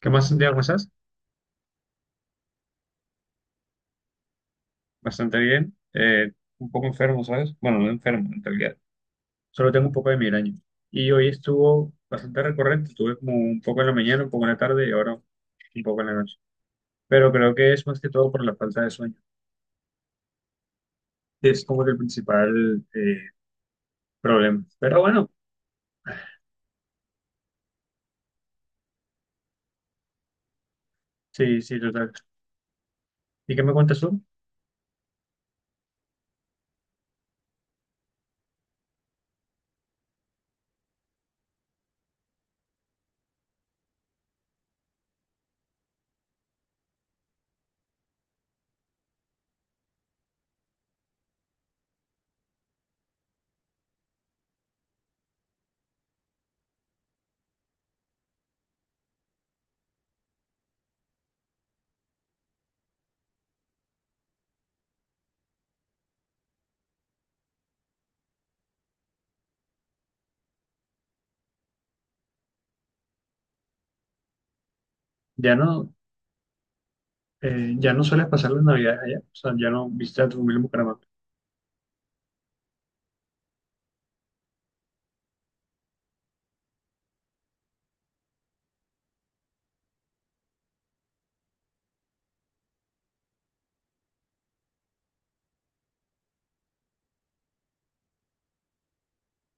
¿Qué más, Santiago? ¿Cómo estás? Bastante bien. Un poco enfermo, ¿sabes? Bueno, no enfermo, en realidad. Solo tengo un poco de migraña. Y hoy estuvo bastante recurrente. Estuve como un poco en la mañana, un poco en la tarde y ahora un poco en la noche. Pero creo que es más que todo por la falta de sueño. Es como que el principal problema. Pero bueno, sí, sí, total. ¿Y qué me cuentas tú? Ya no, ya no sueles pasar las navidades allá. O sea, ya no visitas a tu familia en Bucaramanga.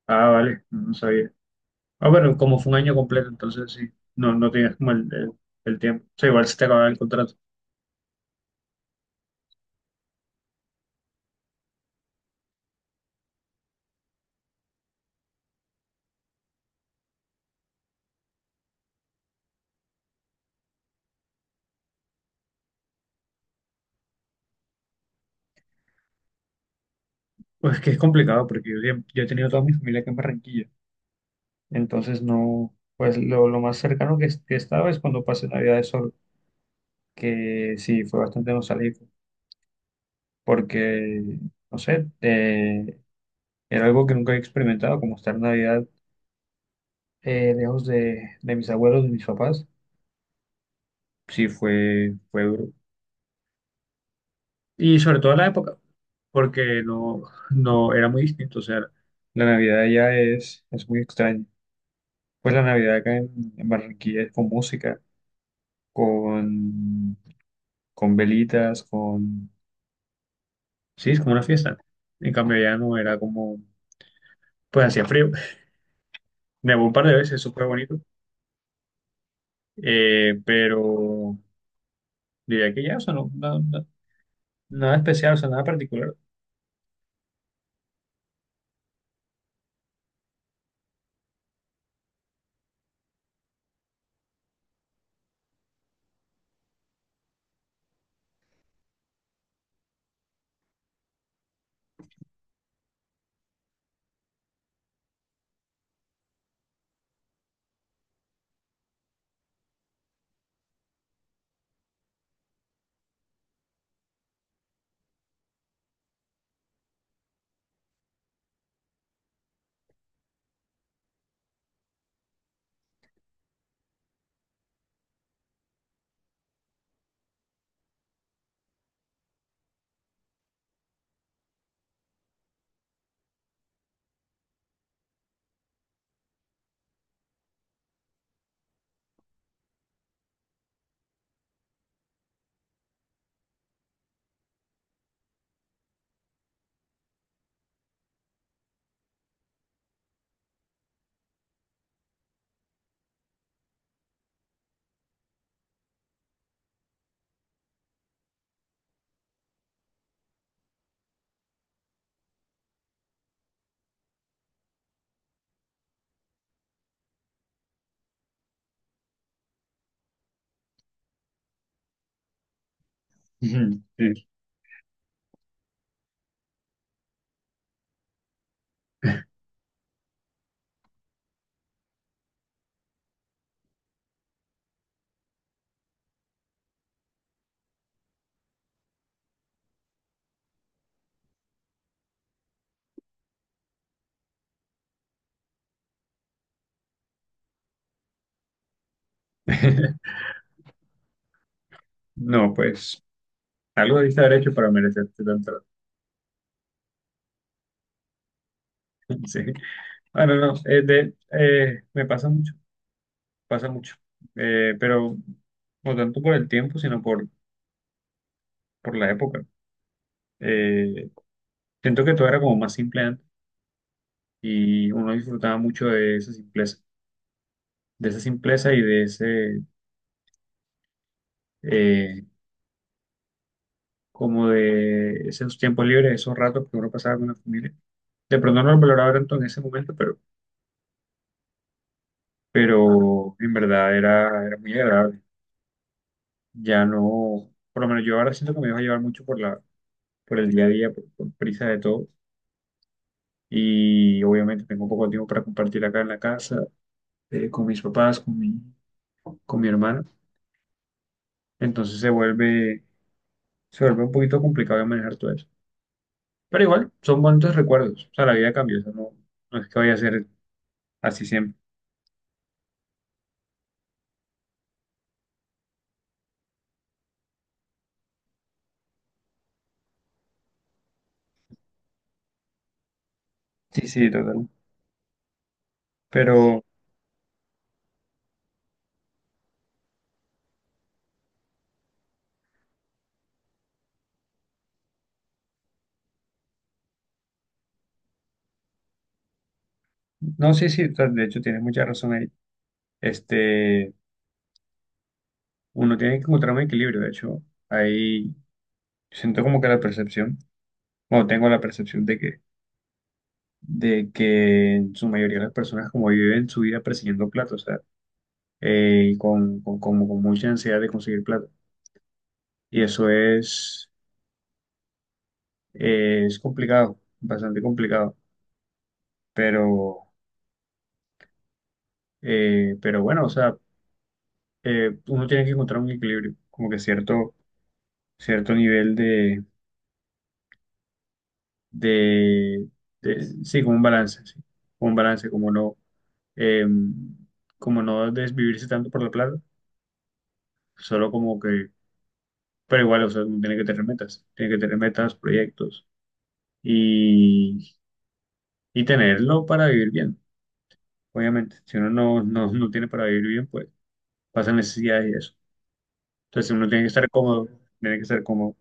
Ah, vale, no sabía. Ah, bueno, como fue un año completo, entonces sí, no, no tienes como el tiempo. O sea, igual se te acaba el contrato. Pues es que es complicado porque yo, yo he tenido toda mi familia aquí en Barranquilla. Entonces no, pues lo más cercano que estaba es cuando pasé Navidad solo, que sí, fue bastante nostálgico porque, no sé, era algo que nunca había experimentado, como estar Navidad lejos de mis abuelos, de mis papás. Sí, fue duro. Y sobre todo en la época, porque no, no era muy distinto. O sea, la Navidad ya es muy extraña. Pues la Navidad acá en Barranquilla es con música, con, con velitas, con... Sí, es como una fiesta. En cambio allá no era como... Pues hacía frío. Nevó un par de veces, eso fue bonito. Pero diría que ya, o sea, nada especial, o sea, nada particular. Ujú, sí. No, pues algo debiste haber hecho para merecerte tanto. Sí. Ah, no, no, me pasa mucho, pasa mucho. Pero no tanto por el tiempo, sino por la época. Eh, Siento que todo era como más simple antes y uno disfrutaba mucho de esa simpleza y de ese, eh, como de esos tiempos libres, esos ratos que uno pasaba con la familia. De pronto no lo valoraba tanto en ese momento, pero en verdad era, era muy agradable. Ya no, por lo menos yo ahora siento que me dejo llevar mucho por la por el día a día, por prisa de todo. Y obviamente tengo poco tiempo para compartir acá en la casa, con mis papás, con mi hermana. Entonces se vuelve un poquito complicado de manejar todo eso. Pero igual, son bonitos recuerdos. O sea, la vida cambia, o sea, no, no es que vaya a ser así siempre. Sí, sí, total. Pero, no, sí, sí, total, de hecho tienes mucha razón ahí. Este, uno tiene que encontrar un equilibrio, de hecho, ahí siento como que la percepción, bueno, tengo la percepción de que en su mayoría las personas como viven su vida persiguiendo plata, o sea, y como con mucha ansiedad de conseguir plata. Y eso es complicado, bastante complicado, pero, pero bueno, o sea, uno tiene que encontrar un equilibrio, como que cierto, cierto nivel de, sí, como un balance, sí, como un balance, como no, em, como no desvivirse tanto por la plata, solo como que pero igual, o sea, uno tiene que tener metas, tiene que tener metas, proyectos y, y tenerlo para vivir bien, obviamente. Si uno no, no, no tiene para vivir bien, pues pasa necesidades y eso. Entonces si uno tiene que estar cómodo, tiene que estar cómodo.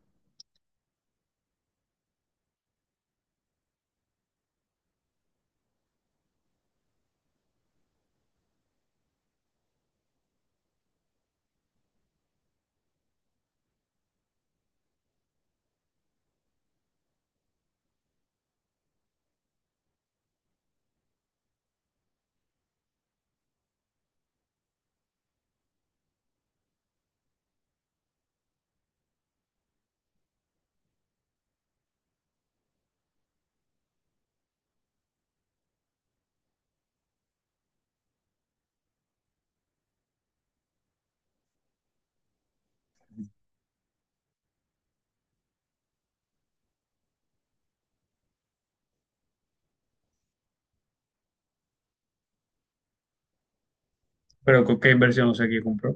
Pero ¿con qué inversión no sé qué compró?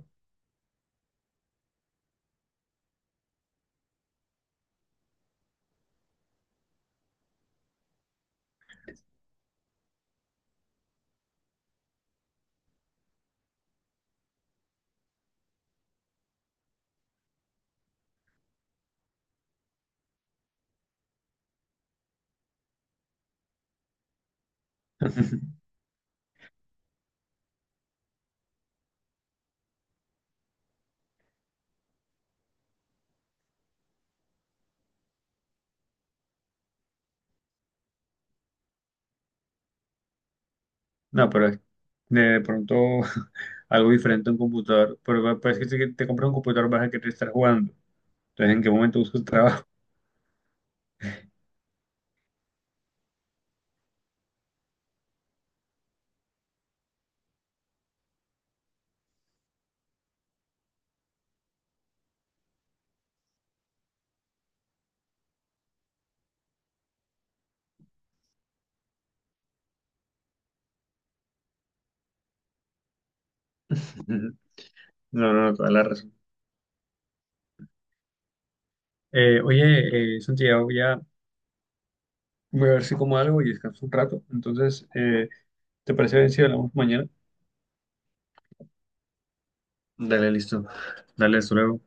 No, pero de pronto algo diferente a un computador. Pero parece que si te compras un computador vas a querer estar jugando. Entonces, ¿en qué momento buscas trabajo? No, no, no, toda la razón. Oye, Santiago, ya voy a ver si como algo y descanso un rato. Entonces, ¿te parece bien si hablamos mañana? Dale, listo. Dale, hasta luego.